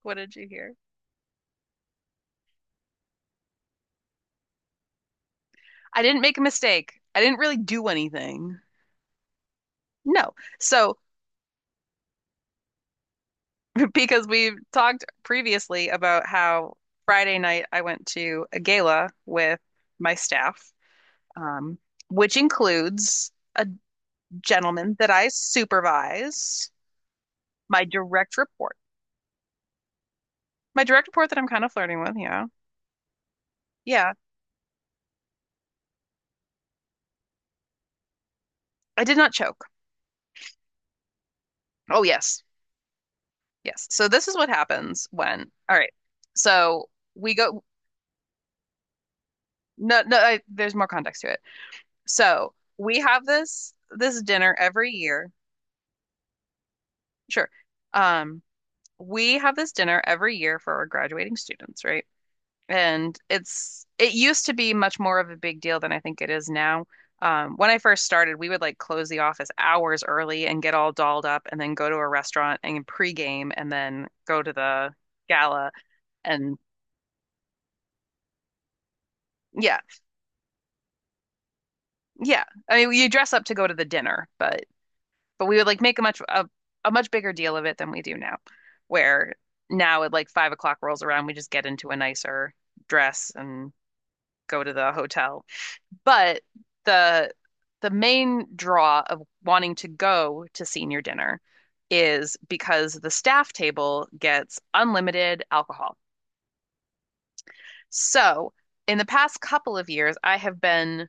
What did you hear? I didn't make a mistake. I didn't really do anything. No. So, because we've talked previously about how Friday night I went to a gala with my staff, um, which includes a gentleman that I supervise, my direct report, my direct report that I'm kind of flirting with. Yeah. Yeah. I did not choke. Oh, yes. Yes. So, this is what happens when, all right. So, we go, no, no, I, there's more context to it. So we have this dinner every year. Sure. Um, we have this dinner every year for our graduating students, right? And it used to be much more of a big deal than I think it is now. When I first started, we would like close the office hours early and get all dolled up and then go to a restaurant and pregame and then go to the gala, and yeah, yeah, I mean, you dress up to go to the dinner, but we would like make a much bigger deal of it than we do now, where now at like 5 o'clock rolls around, we just get into a nicer dress and go to the hotel. But the the main draw of wanting to go to senior dinner is because the staff table gets unlimited alcohol. So, in the past couple of years, I have been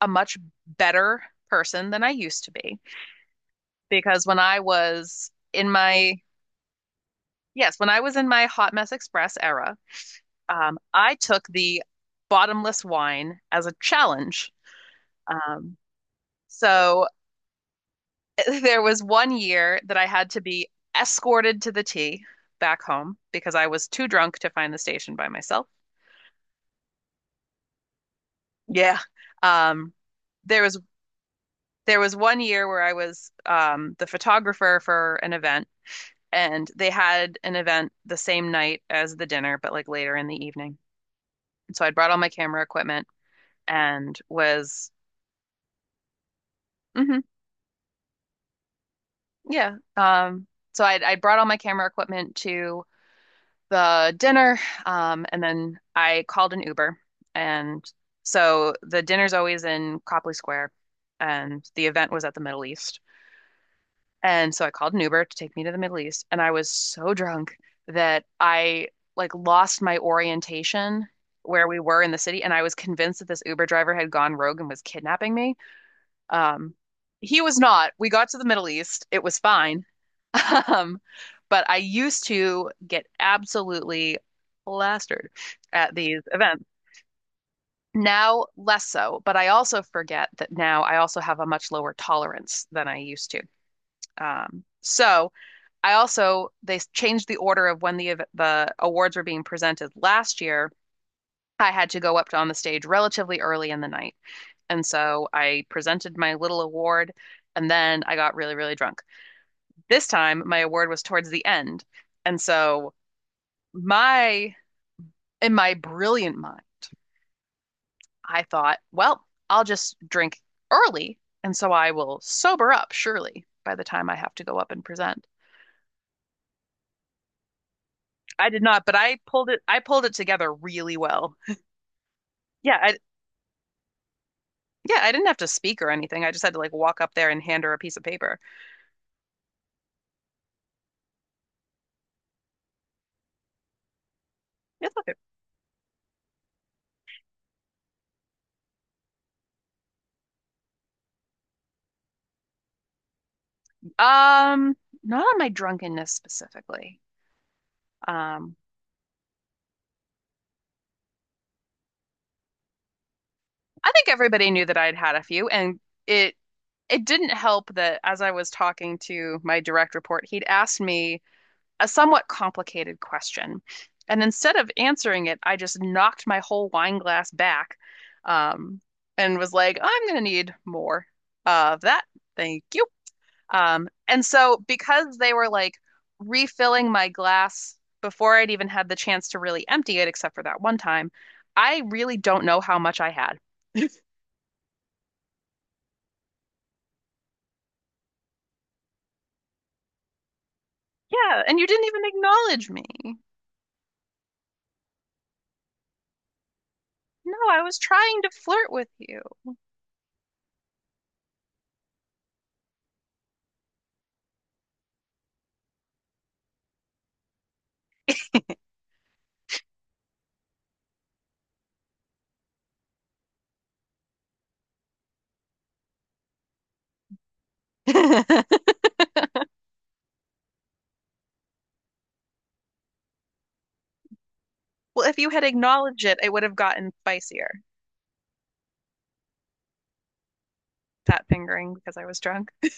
a much better person than I used to be because when I was in my Yes, when I was in my Hot Mess Express era, I took the bottomless wine as a challenge. Um, so there was one year that I had to be escorted to the tea back home because I was too drunk to find the station by myself. Yeah. Um, there was there was one year where I was the photographer for an event, and they had an event the same night as the dinner, but like later in the evening. And so I brought all my camera equipment and was, hmm yeah. So I brought all my camera equipment to the dinner, and then I called an Uber, and so the dinner's always in Copley Square, and the event was at the Middle East, and so I called an Uber to take me to the Middle East, and I was so drunk that I like lost my orientation where we were in the city, and I was convinced that this Uber driver had gone rogue and was kidnapping me. Um, he was not. We got to the Middle East. It was fine. Um, but I used to get absolutely plastered at these events. Now, less so, but I also forget that now I also have a much lower tolerance than I used to. So they changed the order of when the awards were being presented last year. I had to go up to on the stage relatively early in the night. And so I presented my little award, and then I got really, really drunk. This time, my award was towards the end. And so, my, in my brilliant mind, I thought, well, I'll just drink early. And so I will sober up, surely, by the time I have to go up and present. I did not, but I pulled it together really well. Yeah, yeah, I didn't have to speak or anything. I just had to like walk up there and hand her a piece of paper. It's okay. Um, not on my drunkenness specifically. Um, I think everybody knew that I'd had a few, and it it didn't help that as I was talking to my direct report, he'd asked me a somewhat complicated question. And instead of answering it, I just knocked my whole wine glass back, um, and was like, I'm gonna need more of that. Thank you. And so because they were like refilling my glass before I'd even had the chance to really empty it, except for that one time, I really don't know how much I had. Yeah, and you didn't even acknowledge me. No, I was trying to flirt with you. Well, if you had acknowledged it, it would have gotten spicier. Fat fingering because I was drunk.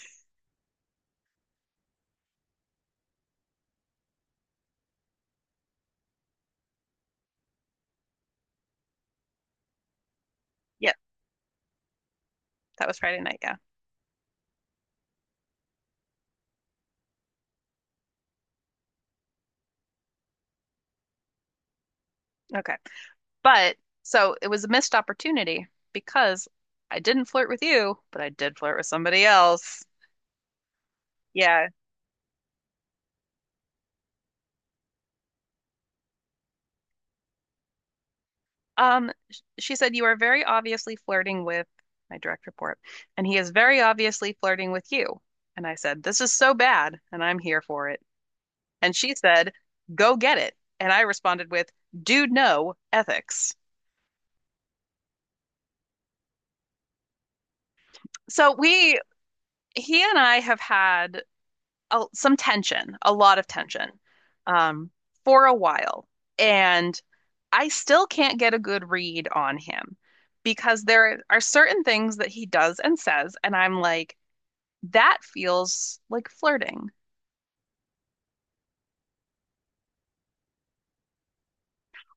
Yeah, that was Friday night. Yeah. Okay. But so it was a missed opportunity because I didn't flirt with you, but I did flirt with somebody else. Yeah. She said you are very obviously flirting with my direct report, and he is very obviously flirting with you. And I said, this is so bad, and I'm here for it. And she said, go get it. And I responded with, dude, no ethics. So he and I have had some tension, a lot of tension, um, for a while. And I still can't get a good read on him because there are certain things that he does and says. And I'm like, that feels like flirting.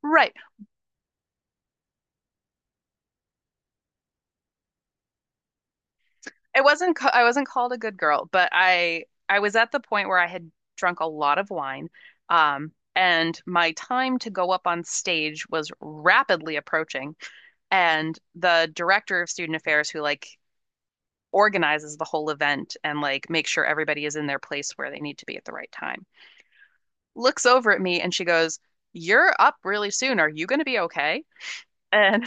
Right. It wasn't ca- I wasn't called a good girl, but I was at the point where I had drunk a lot of wine, and my time to go up on stage was rapidly approaching. And the director of student affairs, who like organizes the whole event and like makes sure everybody is in their place where they need to be at the right time, looks over at me and she goes, "You're up really soon. Are you going to be okay?" And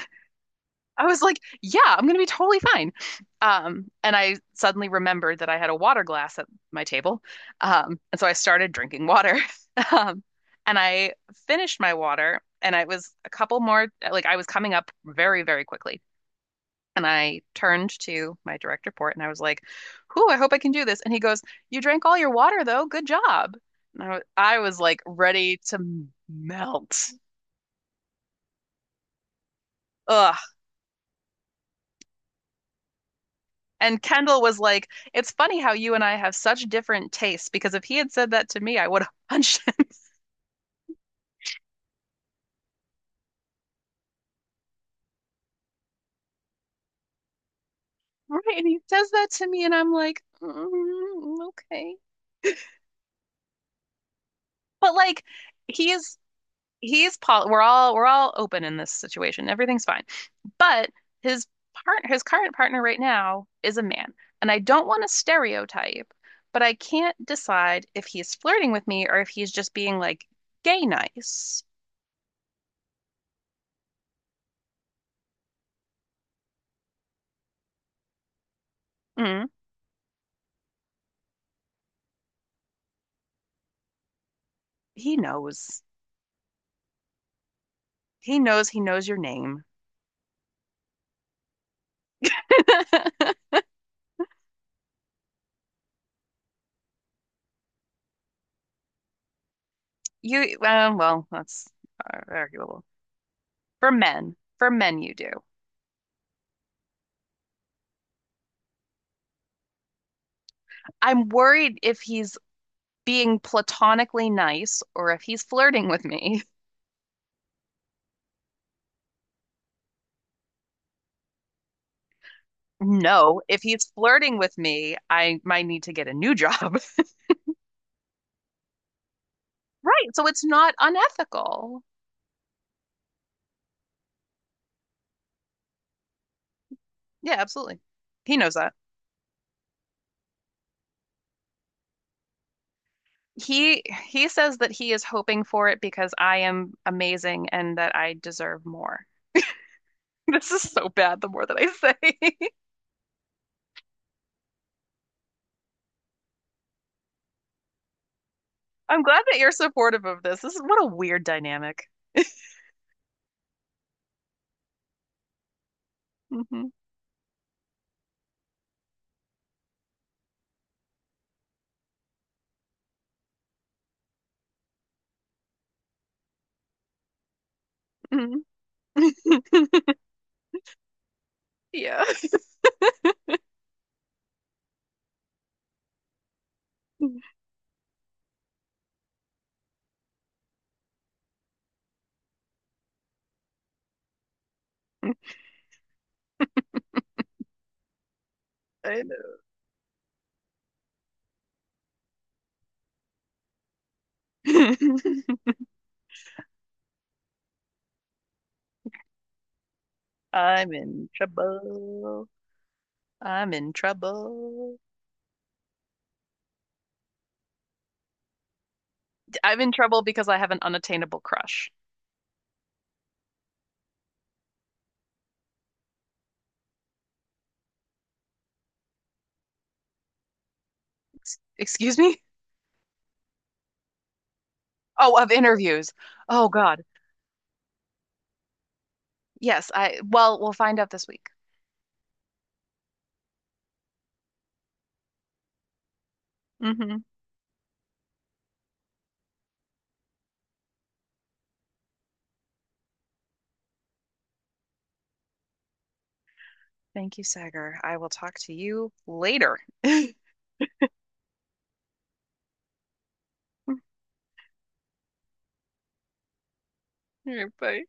I was like, yeah, I'm gonna be totally fine. And I suddenly remembered that I had a water glass at my table. And so I started drinking water. Um, and I finished my water, and I was a couple more, like I was coming up very, very quickly. And I turned to my direct report and I was like, whew, I hope I can do this. And he goes, you drank all your water though. Good job. And I was like ready to melt. Ugh. And Kendall was like, it's funny how you and I have such different tastes because if he had said that to me, I would have punched him. Right. And he says that to me, and I'm like, "Mm, okay." But like, he's he's poly, we're all open in this situation. Everything's fine. But his his current partner right now is a man. And I don't want to stereotype, but I can't decide if he's flirting with me or if he's just being like gay nice. Mm, he knows. He knows your name. Well, that's arguable. For men, you do. I'm worried if he's being platonically nice or if he's flirting with me. No, if he's flirting with me, I might need to get a new job. Right, so it's not unethical. Yeah, absolutely. He knows that. He he says that he is hoping for it because I am amazing and that I deserve more. This is so bad the more that I say. I'm glad that you're supportive of this. This is what a weird dynamic. Hmm. Yeah. I know. I'm in trouble. I'm in trouble. I'm in trouble because I have an unattainable crush. Excuse me? Oh, of interviews. Oh God. Yes, I well, we'll find out this week. Hmm. Thank you, Sagar. I will talk to you later. All right, bye.